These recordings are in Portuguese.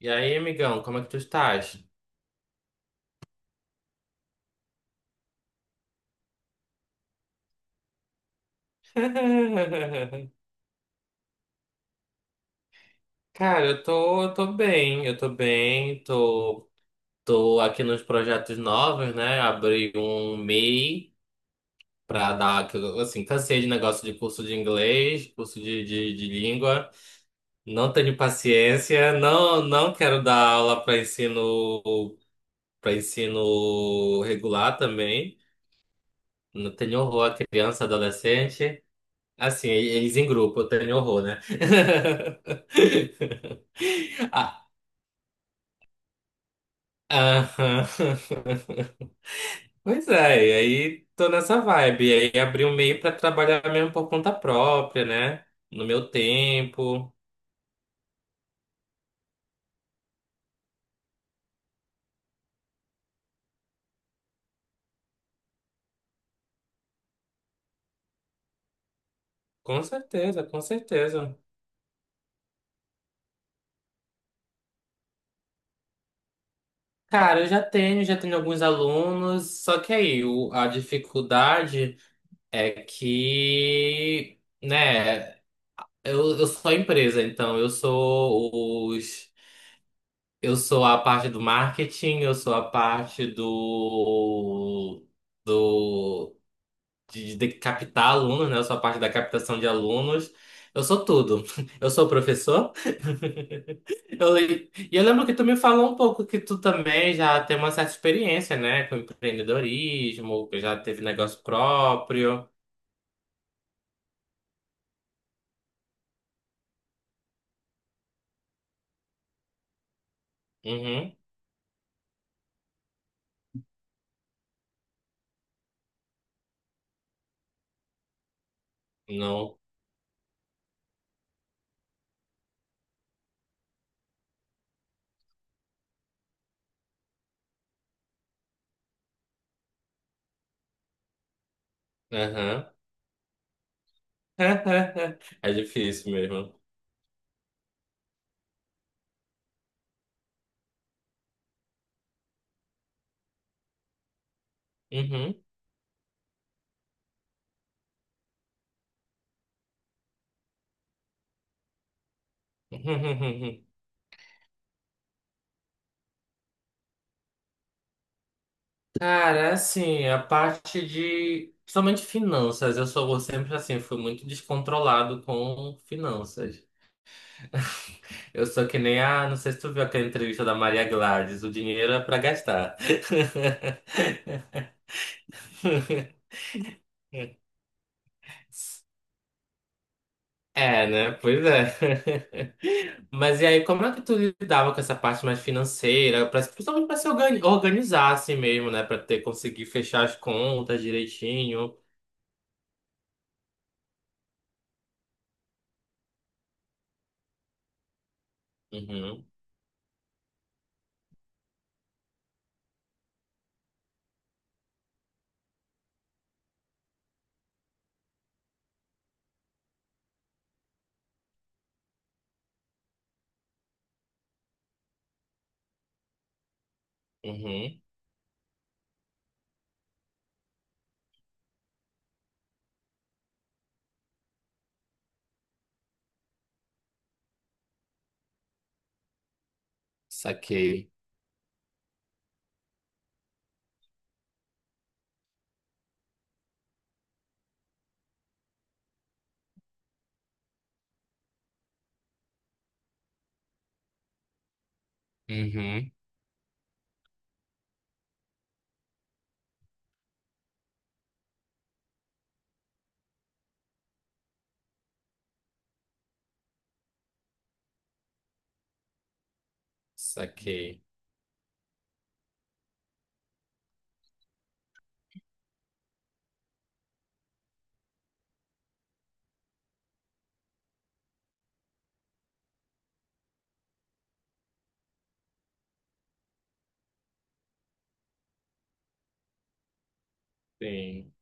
E aí, amigão, como é que tu estás? Cara, eu tô bem, tô, tô aqui nos projetos novos, né? Abri um MEI pra dar, que eu, assim, cansei de negócio de curso de inglês, curso de língua, não tenho paciência, não, não quero dar aula para ensino regular também, não tenho horror a criança, adolescente. Assim, eles em grupo, eu tenho horror, né? Ah, aham. Pois é, e aí tô nessa vibe. E aí abri um meio pra trabalhar mesmo por conta própria, né? No meu tempo. Com certeza, com certeza. Cara, já tenho alguns alunos, só que aí a dificuldade é que, né, eu sou a empresa, então eu sou os. Eu sou a parte do marketing, eu sou a parte do de captar alunos, né? Eu sou a parte da captação de alunos. Eu sou tudo. Eu sou professor. E eu lembro que tu me falou um pouco que tu também já tem uma certa experiência, né? Com empreendedorismo, que já teve negócio próprio. Uhum. Não. Aham. É difícil mesmo. Uhum. Cara, assim, a parte de. Principalmente finanças, eu sou sempre assim, fui muito descontrolado com finanças. Eu sou que nem a. Não sei se tu viu aquela entrevista da Maria Gladys, o dinheiro é pra gastar. É, né? Pois é. Mas e aí, como é que tu lidava com essa parte mais financeira, principalmente para se organizar assim mesmo, né? Para ter conseguir fechar as contas direitinho. Uhum, uhum. Saquei. Uhum, saquei. Sim.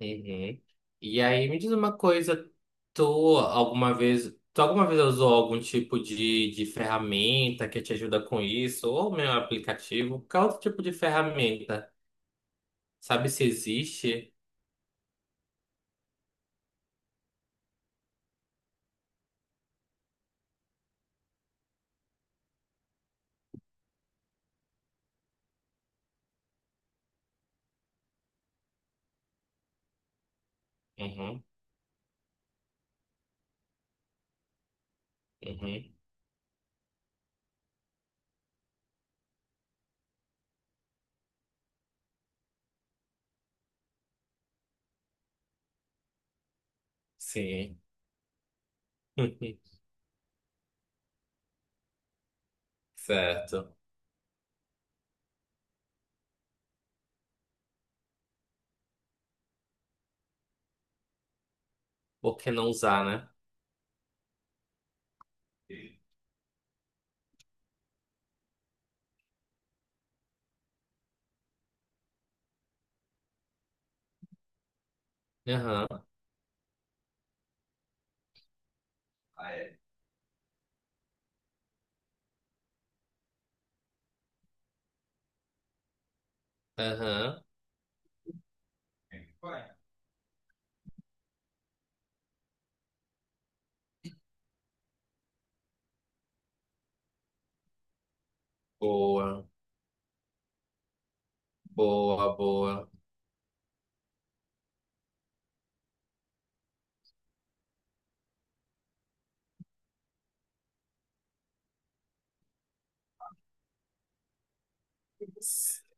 Uhum. E aí, me diz uma coisa, tu alguma vez usou algum tipo de ferramenta que te ajuda com isso? Ou meu aplicativo? Qual outro tipo de ferramenta? Sabe se existe? Uhum, uhum, sim. Certo. Por que não usar, né? Aham, aham. Boa, boa, boa.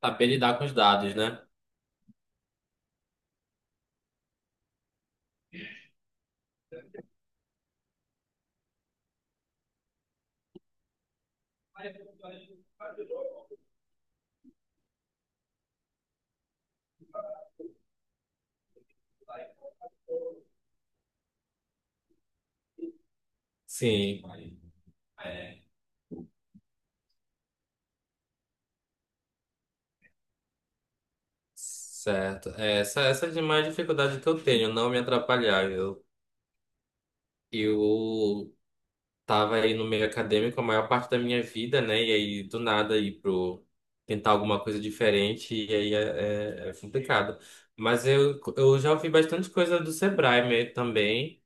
Saber lidar com os dados, né? Sim. Certo. É, essa é de mais dificuldade que eu tenho, não me atrapalhar. Eu tava aí no meio acadêmico a maior parte da minha vida, né? E aí, do nada, ir pro tentar alguma coisa diferente, e aí é, é complicado. Mas eu já ouvi bastante coisa do Sebrae mesmo também.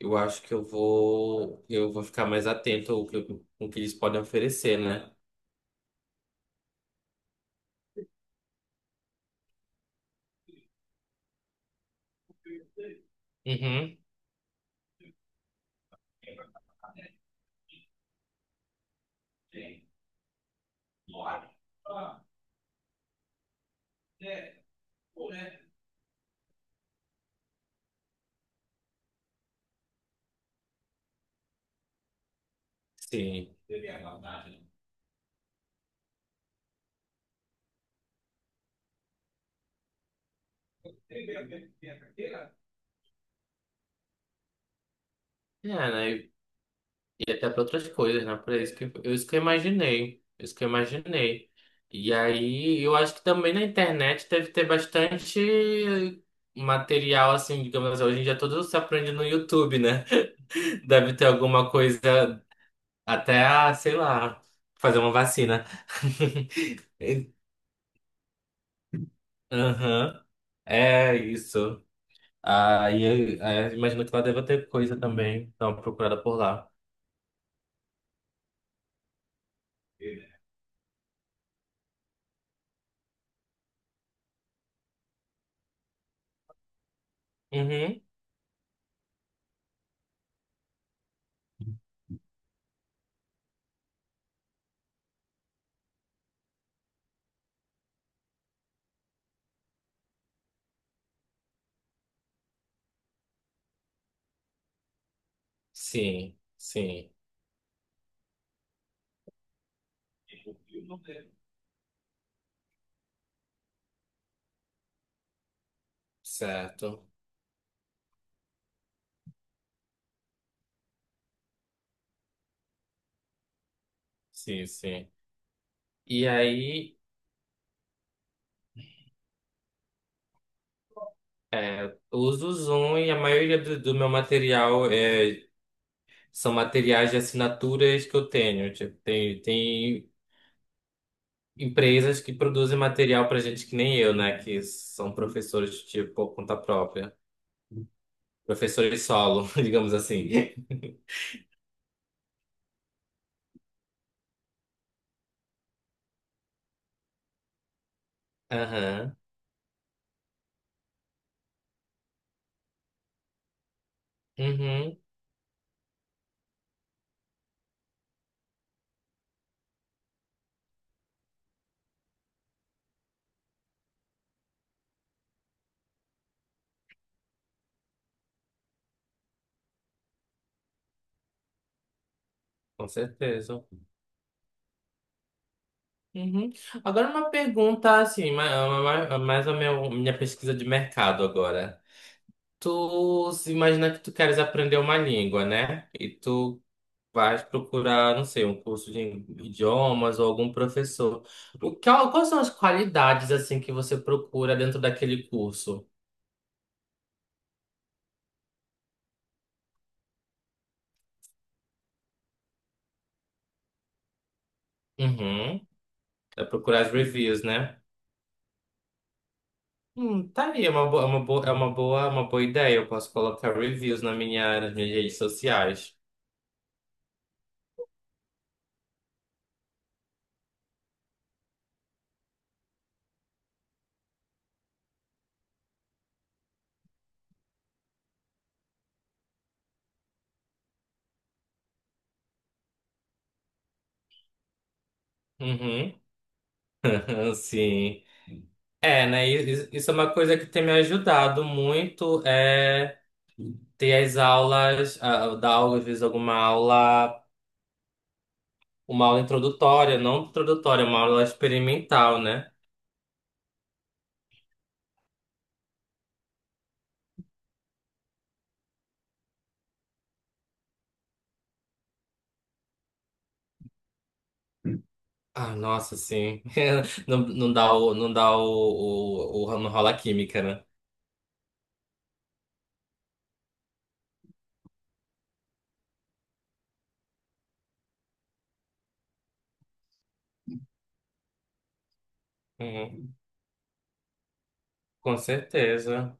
Eu acho que eu vou ficar mais atento ao que, com o que eles podem oferecer, né? Uhum. Sim. É, né? E até para outras coisas, né? Para isso que eu imaginei. Isso que eu imaginei. E aí, eu acho que também na internet deve ter bastante material, assim, digamos assim, hoje em dia tudo se aprende no YouTube, né? Deve ter alguma coisa, até, ah, sei lá, fazer uma vacina. Aham, é isso. Aí, aí imagino que lá deve ter coisa também. Então, procurada por lá. Uhum. Sim, sim, certo. Sim, sim. E aí, uso o Zoom e a maioria do, do meu material é, são materiais de assinaturas que eu tenho. Tipo, tem empresas que produzem material pra gente que nem eu, né? Que são professores, tipo, por conta própria. Professores solo, digamos assim. Aham. Uhum. Com certeza. Uhum. Agora uma pergunta, assim, mais a minha pesquisa de mercado agora. Tu se imagina que tu queres aprender uma língua, né? E tu vais procurar, não sei, um curso de idiomas ou algum professor. O que, quais são as qualidades assim que você procura dentro daquele curso? Uhum. É procurar as reviews, né? Tá aí, é uma boa, é uma boa, é uma boa, é uma boa ideia. Eu posso colocar reviews na minha, nas minhas redes sociais. Uhum. Sim. É, né? Isso é uma coisa que tem me ajudado muito, é ter as aulas, ah, dar aula, às vezes alguma aula, uma aula introdutória, não introdutória, uma aula experimental, né? Ah, nossa, sim. Não, não dá o, não dá o- não rola a química, né? Uhum. Com certeza.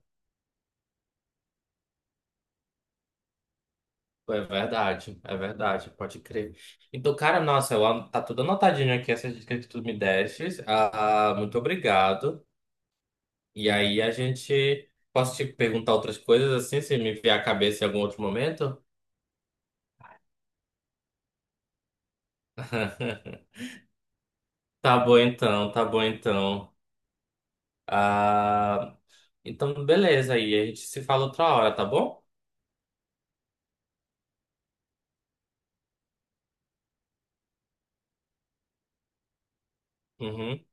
É verdade, pode crer. Então, cara, nossa, eu, tá tudo anotadinho aqui, essas dicas que tu me destes. Ah, muito obrigado. E aí a gente. Posso te perguntar outras coisas assim, se me vier a cabeça em algum outro momento? Tá bom então, tá bom então. Ah, então, beleza aí, a gente se fala outra hora, tá bom? Uhum.